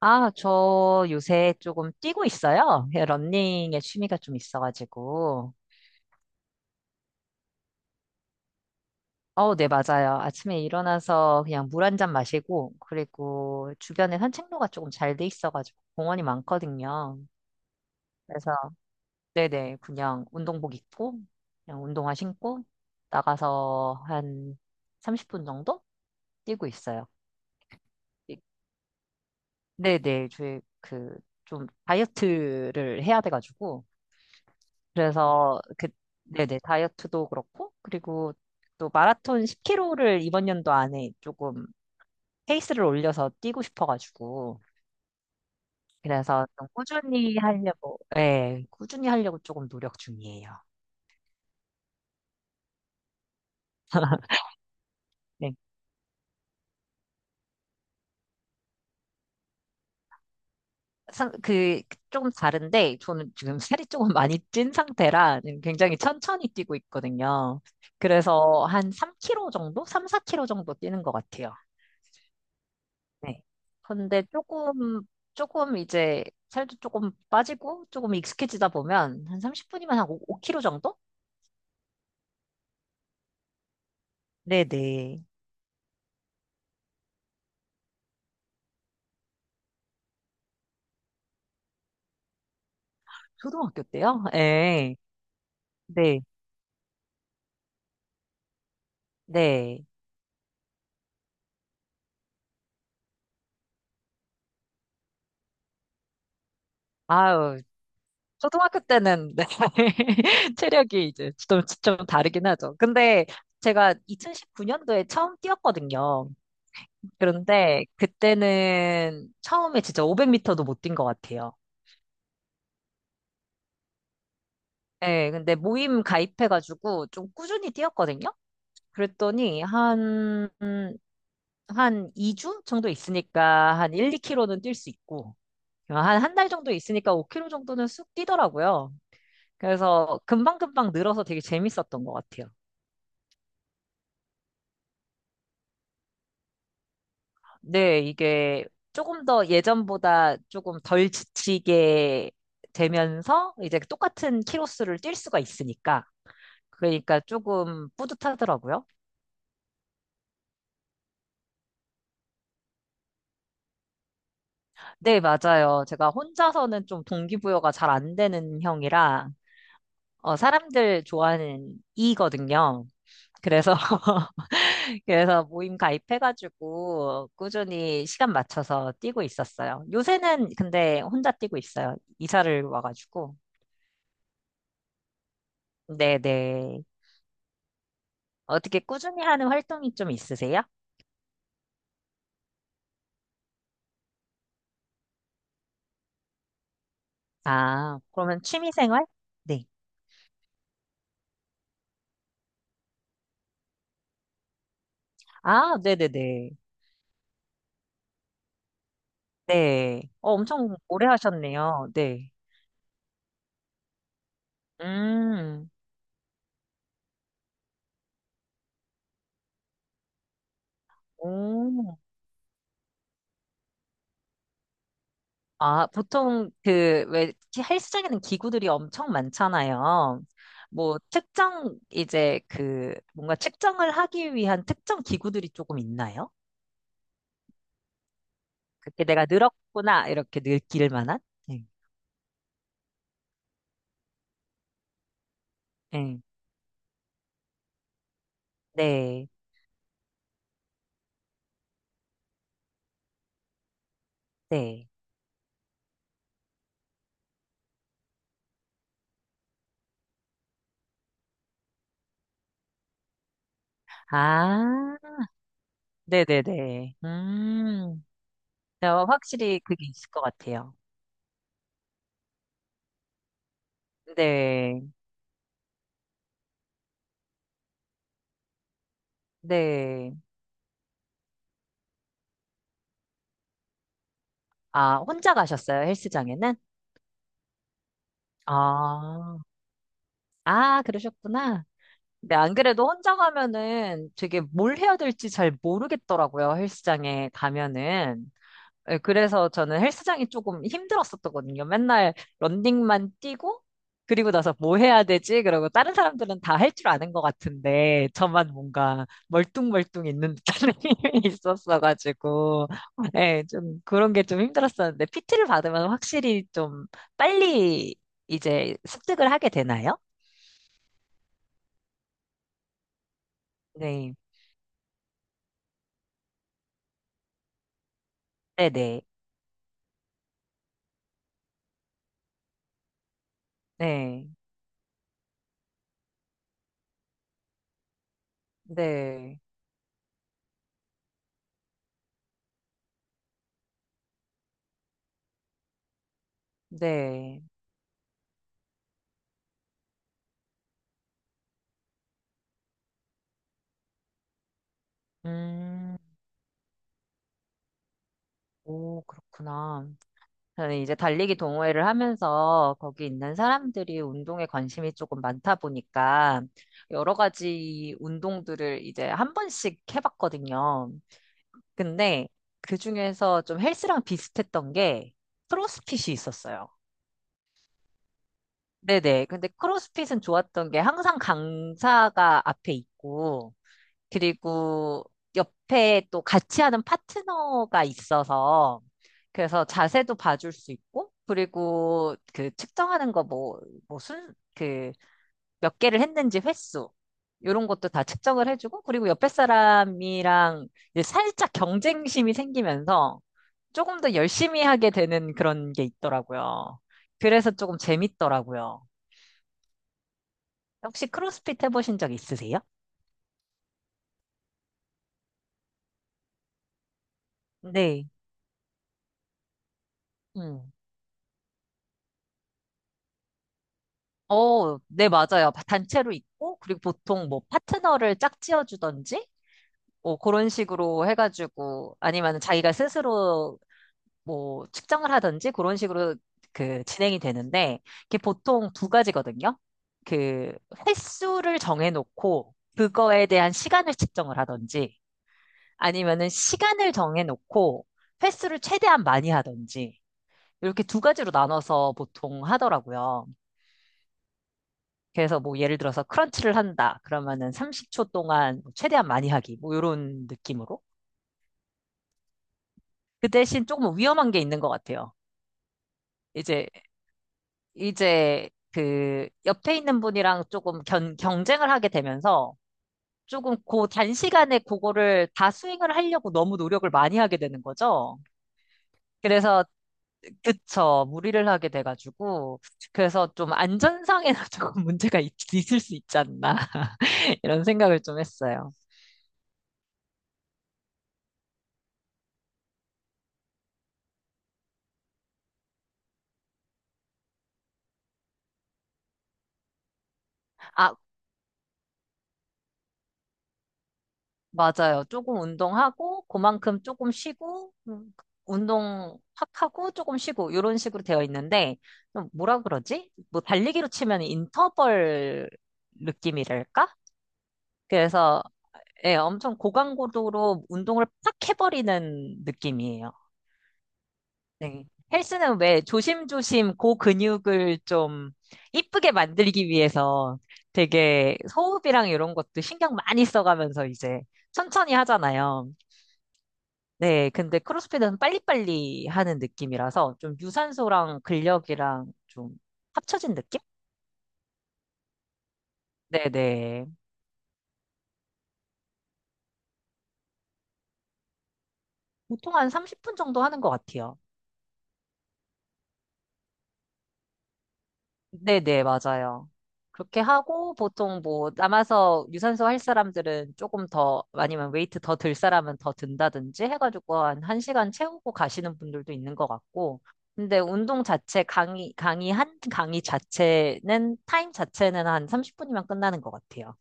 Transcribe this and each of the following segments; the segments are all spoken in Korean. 아, 저 요새 조금 뛰고 있어요. 예, 러닝에 취미가 좀 있어가지고. 어, 네, 맞아요. 아침에 일어나서 그냥 물 한 잔 마시고, 그리고 주변에 산책로가 조금 잘 돼 있어가지고 공원이 많거든요. 그래서, 네네, 그냥 운동복 입고, 그냥 운동화 신고, 나가서 한 30분 정도 뛰고 있어요. 네네, 저희 그 좀 다이어트를 해야 돼가지고, 그래서 그 네네 다이어트도 그렇고 그리고 또 마라톤 10km를 이번 연도 안에 조금 페이스를 올려서 뛰고 싶어가지고 그래서 좀 꾸준히 하려고, 예, 꾸준히 하려고 조금 노력 중이에요. 네. 그 조금 다른데 저는 지금 살이 조금 많이 찐 상태라 굉장히 천천히 뛰고 있거든요. 그래서 한 3km 정도, 3, 4km 정도 뛰는 것 같아요. 네. 근데 조금 이제 살도 조금 빠지고 조금 익숙해지다 보면 한 30분이면 한 5kg 정도? 네네. 초등학교 때요? 예. 네. 네. 아유, 초등학교 때는 네. 체력이 이제 좀 다르긴 하죠. 근데 제가 2019년도에 처음 뛰었거든요. 그런데 그때는 처음에 진짜 500m도 못 뛴 것 같아요. 예, 근데 모임 가입해가지고 좀 꾸준히 뛰었거든요. 그랬더니 한 2주 정도 있으니까 한 1, 2 k 로는뛸 수 있고 한 한 달 정도 있으니까 5 k 로 정도는 쑥 뛰더라고요. 그래서 금방금방 늘어서 되게 재밌었던 것 같아요. 네, 이게 조금 더 예전보다 조금 덜 지치게 되면서 이제 똑같은 키로수를 뛸 수가 있으니까 그러니까 조금 뿌듯하더라고요. 네, 맞아요. 제가 혼자서는 좀 동기부여가 잘 안 되는 형이라, 어, 사람들 좋아하는 이거든요. 그래서 그래서 모임 가입해가지고 꾸준히 시간 맞춰서 뛰고 있었어요. 요새는 근데 혼자 뛰고 있어요. 이사를 와가지고. 네네. 어떻게 꾸준히 하는 활동이 좀 있으세요? 아, 그러면 취미생활? 네. 아, 네네네. 네. 네. 네. 어, 엄청 오래 하셨네요. 네. 음, 오. 아, 보통 그, 왜, 헬스장에는 기구들이 엄청 많잖아요. 뭐, 특정, 이제 그, 뭔가 측정을 하기 위한 특정 기구들이 조금 있나요? 그게 내가 늘었구나, 이렇게 느낄 만한? 네, 네, 네. 네. 아, 네네네. 네, 확실히 그게 있을 것 같아요. 네, 네. 아, 혼자 가셨어요, 헬스장에는? 아, 아, 그러셨구나. 근데 안 그래도 혼자 가면은 되게 뭘 해야 될지 잘 모르겠더라고요, 헬스장에 가면은. 예, 그래서 저는 헬스장이 조금 힘들었었거든요. 맨날 런닝만 뛰고, 그리고 나서 뭐 해야 되지? 그러고 다른 사람들은 다 할 줄 아는 것 같은데, 저만 뭔가 멀뚱멀뚱 있는 듯한 힘이 있었어가지고, 예, 좀 그런 게 좀 힘들었었는데, PT를 받으면 확실히 좀 빨리 이제 습득을 하게 되나요? 네, 네네. 네. 네, 네. 음, 오, 그렇구나. 저는 이제 달리기 동호회를 하면서 거기 있는 사람들이 운동에 관심이 조금 많다 보니까 여러 가지 운동들을 이제 한 번씩 해봤거든요. 근데 그 중에서 좀 헬스랑 비슷했던 게 크로스핏이 있었어요. 네네. 근데 크로스핏은 좋았던 게 항상 강사가 앞에 있고 그리고 옆에 또 같이 하는 파트너가 있어서 그래서 자세도 봐줄 수 있고 그리고 그 측정하는 거, 뭐, 그 몇 개를 했는지 횟수 이런 것도 다 측정을 해주고, 그리고 옆에 사람이랑 이제 살짝 경쟁심이 생기면서 조금 더 열심히 하게 되는 그런 게 있더라고요. 그래서 조금 재밌더라고요. 혹시 크로스핏 해보신 적 있으세요? 네. 어, 네, 맞아요. 단체로 있고, 그리고 보통 뭐 파트너를 짝지어주던지, 뭐 그런 식으로 해가지고, 아니면 자기가 스스로 뭐 측정을 하던지, 그런 식으로 그 진행이 되는데, 이게 보통 두 가지거든요. 그 횟수를 정해놓고, 그거에 대한 시간을 측정을 하던지, 아니면은 시간을 정해놓고, 횟수를 최대한 많이 하던지, 이렇게 두 가지로 나눠서 보통 하더라고요. 그래서 뭐 예를 들어서 크런치를 한다. 그러면은 30초 동안 뭐 최대한 많이 하기. 뭐 이런 느낌으로. 그 대신 조금 위험한 게 있는 것 같아요. 이제, 이제 그 옆에 있는 분이랑 조금 경쟁을 하게 되면서 조금 그 단시간에 그거를 다 스윙을 하려고 너무 노력을 많이 하게 되는 거죠. 그래서, 그쵸. 무리를 하게 돼가지고. 그래서 좀 안전상에는 조금 문제가 있을 수 있지 않나. 이런 생각을 좀 했어요. 아, 맞아요. 조금 운동하고, 그만큼 조금 쉬고, 운동 확 하고, 조금 쉬고, 이런 식으로 되어 있는데, 좀 뭐라 그러지? 뭐, 달리기로 치면 인터벌 느낌이랄까? 그래서, 예, 엄청 고강고도로 운동을 팍 해버리는 느낌이에요. 네. 헬스는 왜 조심조심 고근육을 좀 이쁘게 만들기 위해서 되게 호흡이랑 이런 것도 신경 많이 써가면서 이제 천천히 하잖아요. 네, 근데 크로스핏은 빨리빨리 하는 느낌이라서 좀 유산소랑 근력이랑 좀 합쳐진 느낌? 네네. 보통 한 30분 정도 하는 것 같아요. 네네, 맞아요. 그렇게 하고 보통 뭐 남아서 유산소 할 사람들은 조금 더 아니면 웨이트 더 들 사람은 더 든다든지 해가지고 한 1시간 채우고 가시는 분들도 있는 것 같고 근데 운동 자체 강의 자체는 타임 자체는 한 30분이면 끝나는 것 같아요.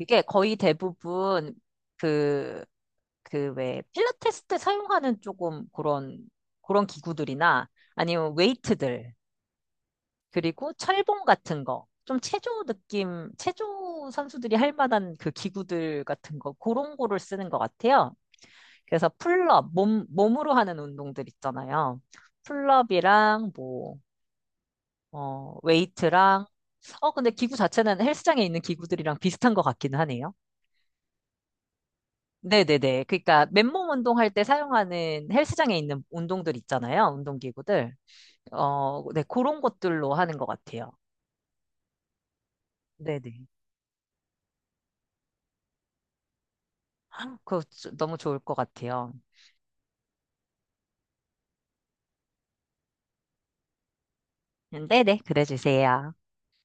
이게 거의 대부분 그, 그 왜 필라테스 때 사용하는 조금 그런, 그런 기구들이나 아니면 웨이트들, 그리고 철봉 같은 거, 좀 체조 느낌, 체조 선수들이 할 만한 그 기구들 같은 거, 그런 거를 쓰는 것 같아요. 그래서 풀업, 몸으로 하는 운동들 있잖아요. 풀업이랑 뭐, 어, 웨이트랑, 어, 근데 기구 자체는 헬스장에 있는 기구들이랑 비슷한 것 같기는 하네요. 네네네. 그러니까 맨몸 운동할 때 사용하는 헬스장에 있는 운동들 있잖아요. 운동기구들. 어, 네, 그런 것들로 하는 것 같아요. 네네. 너무 좋을 것 같아요. 네네. 그래 주세요.